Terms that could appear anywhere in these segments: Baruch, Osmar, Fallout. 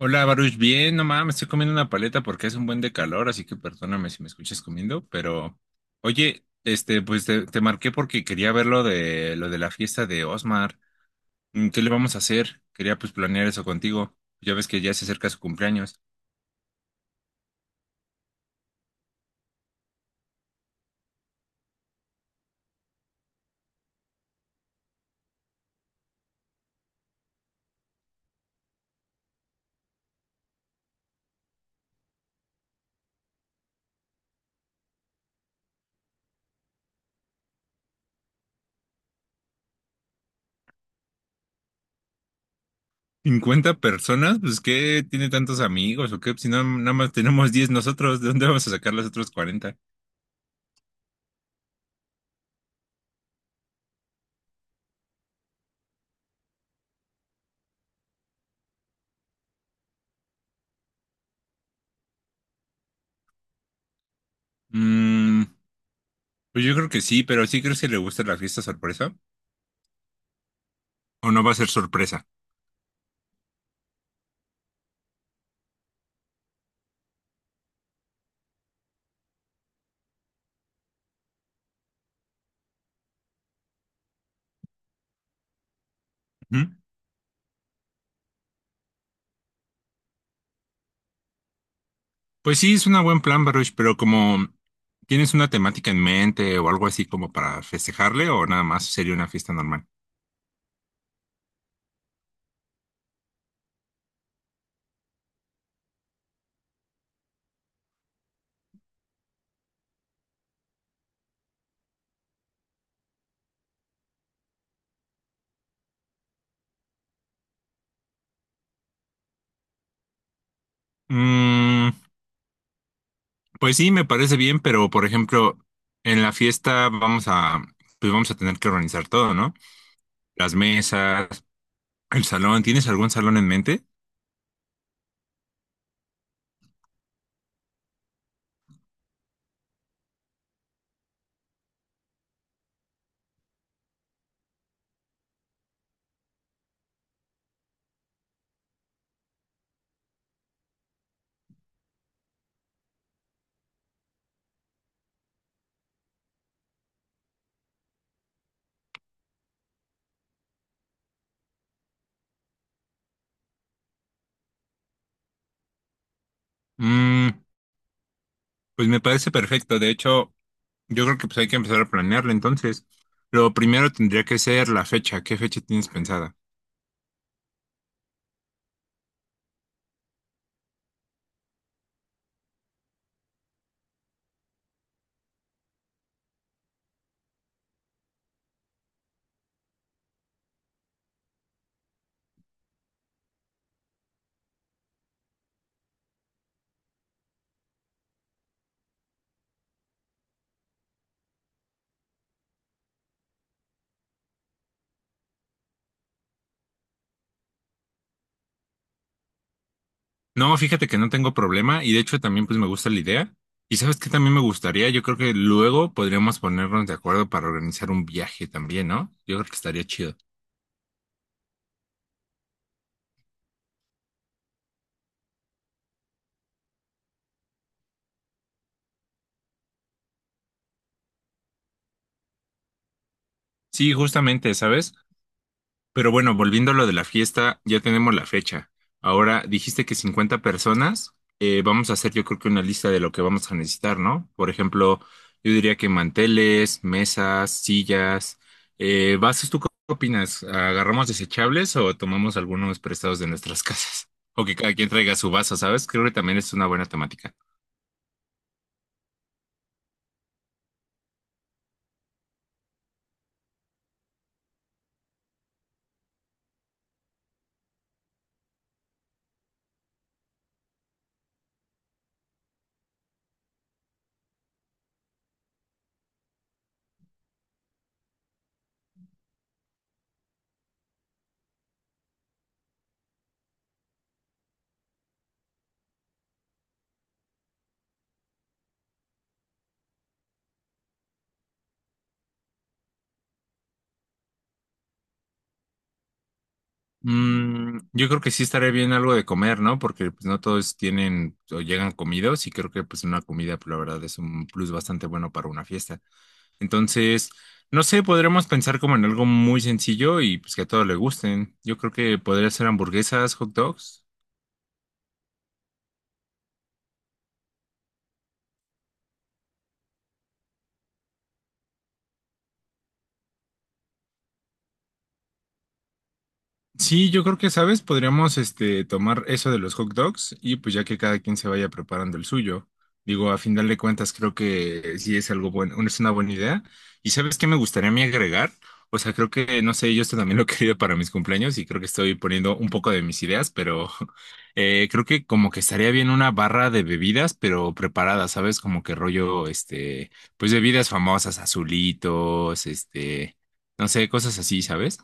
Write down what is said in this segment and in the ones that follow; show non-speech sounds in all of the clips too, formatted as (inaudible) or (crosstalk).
Hola Baruch, bien, no mames, me estoy comiendo una paleta porque es un buen de calor, así que perdóname si me escuchas comiendo, pero oye, este, pues te marqué porque quería ver lo de la fiesta de Osmar. Mm, ¿qué le vamos a hacer? Quería pues planear eso contigo. Ya ves que ya se acerca su cumpleaños. ¿50 personas? Pues ¿qué tiene tantos amigos o qué? Si no, nada más tenemos 10 nosotros, ¿de dónde vamos a sacar los otros 40? Mm, pues yo creo que sí, pero ¿sí crees que le gusta la fiesta sorpresa? O no va a ser sorpresa. Ujú. Pues sí, es un buen plan, Baruch, pero como tienes una temática en mente o algo así como para festejarle, o nada más sería una fiesta normal. Mm, pues sí, me parece bien, pero por ejemplo, en la fiesta vamos a, pues vamos a tener que organizar todo, ¿no? Las mesas, el salón. ¿Tienes algún salón en mente? Mm, pues me parece perfecto. De hecho, yo creo que pues hay que empezar a planearlo entonces. Lo primero tendría que ser la fecha. ¿Qué fecha tienes pensada? No, fíjate que no tengo problema y de hecho también pues me gusta la idea. Y sabes que también me gustaría, yo creo que luego podríamos ponernos de acuerdo para organizar un viaje también, ¿no? Yo creo que estaría chido. Sí, justamente, ¿sabes? Pero bueno, volviendo a lo de la fiesta, ya tenemos la fecha. Ahora dijiste que 50 personas, vamos a hacer yo creo que una lista de lo que vamos a necesitar, ¿no? Por ejemplo, yo diría que manteles, mesas, sillas, vasos, ¿tú qué opinas? ¿Agarramos desechables o tomamos algunos prestados de nuestras (laughs) casas? O que cada quien traiga su vaso, ¿sabes? Creo que también es una buena temática. Mm, yo creo que sí estaría bien algo de comer, ¿no? Porque pues no todos tienen o llegan comidos y creo que pues una comida, pues, la verdad, es un plus bastante bueno para una fiesta. Entonces, no sé, podremos pensar como en algo muy sencillo y pues que a todos le gusten. Yo creo que podría ser hamburguesas, hot dogs. Sí, yo creo que, ¿sabes? Podríamos este, tomar eso de los hot dogs y pues ya que cada quien se vaya preparando el suyo. Digo, a final de cuentas creo que sí es algo bueno, es una buena idea. ¿Y sabes qué me gustaría a mí agregar? O sea, creo que, no sé, yo esto también lo he querido para mis cumpleaños y creo que estoy poniendo un poco de mis ideas, pero (laughs) creo que como que estaría bien una barra de bebidas, pero preparadas, ¿sabes? Como que rollo, este, pues bebidas famosas, azulitos, este, no sé, cosas así, ¿sabes?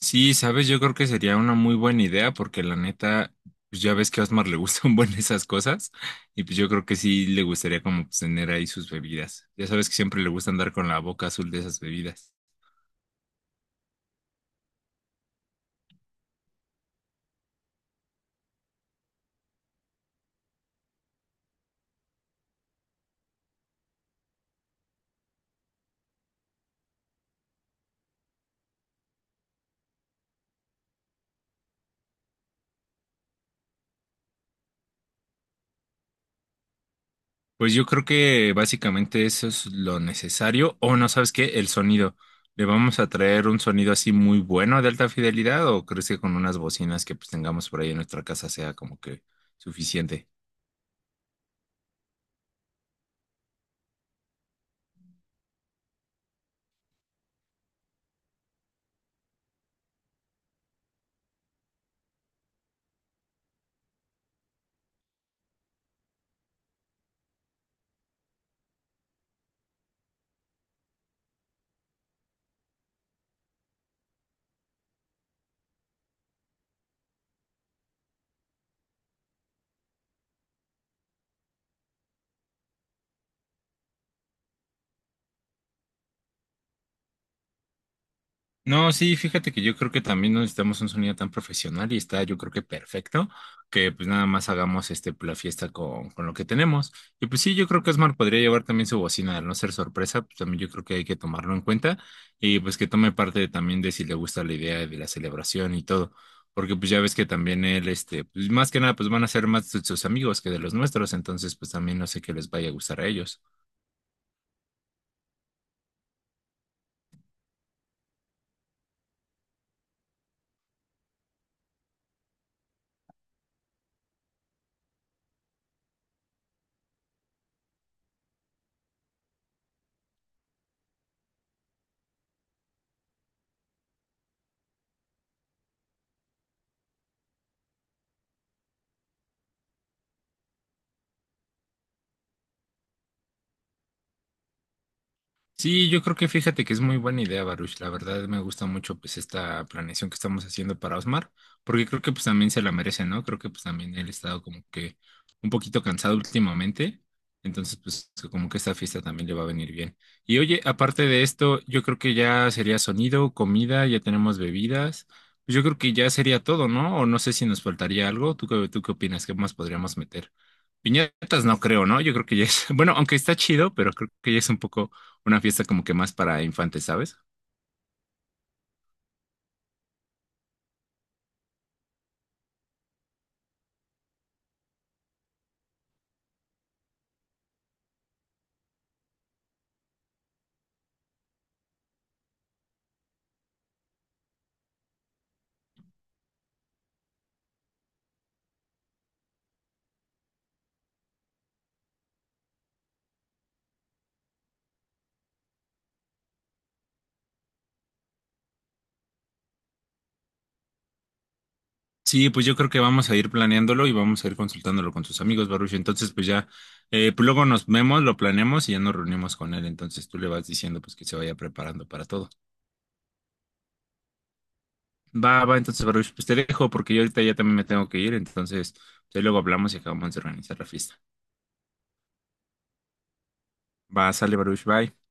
Sí, sabes, yo creo que sería una muy buena idea porque la neta, pues ya ves que a Osmar le gustan (laughs) buen esas cosas y pues yo creo que sí le gustaría como pues, tener ahí sus bebidas. Ya sabes que siempre le gusta andar con la boca azul de esas bebidas. Pues yo creo que básicamente eso es lo necesario o no, ¿sabes qué? El sonido. ¿Le vamos a traer un sonido así muy bueno de alta fidelidad o crees que con unas bocinas que pues tengamos por ahí en nuestra casa sea como que suficiente? No, sí, fíjate que yo creo que también no necesitamos un sonido tan profesional y está, yo creo que perfecto, que pues nada más hagamos este pues, la fiesta con lo que tenemos. Y pues sí, yo creo que Osmar podría llevar también su bocina, al no ser sorpresa, pues también yo creo que hay que tomarlo en cuenta y pues que tome parte también de si le gusta la idea de la celebración y todo, porque pues ya ves que también él, este, pues más que nada, pues van a ser más de sus amigos que de los nuestros, entonces pues también no sé qué les vaya a gustar a ellos. Sí, yo creo que fíjate que es muy buena idea, Baruch. La verdad me gusta mucho pues esta planeación que estamos haciendo para Osmar, porque creo que pues también se la merece, ¿no? Creo que pues también él ha estado como que un poquito cansado últimamente, entonces pues como que esta fiesta también le va a venir bien. Y oye, aparte de esto, yo creo que ya sería sonido, comida, ya tenemos bebidas, pues yo creo que ya sería todo, ¿no? O no sé si nos faltaría algo. ¿Tú qué opinas? ¿Qué más podríamos meter? Piñatas no creo, ¿no? Yo creo que ya es, (laughs) bueno, aunque está chido, pero creo que ya es un poco una fiesta como que más para infantes, ¿sabes? Sí, pues yo creo que vamos a ir planeándolo y vamos a ir consultándolo con sus amigos, Baruch. Entonces, pues ya, pues luego nos vemos, lo planeamos y ya nos reunimos con él. Entonces tú le vas diciendo pues que se vaya preparando para todo. Va, va, entonces, Baruch, pues te dejo porque yo ahorita ya también me tengo que ir. Entonces, pues, ahí luego hablamos y acabamos de organizar la fiesta. Va, sale, Baruch, bye.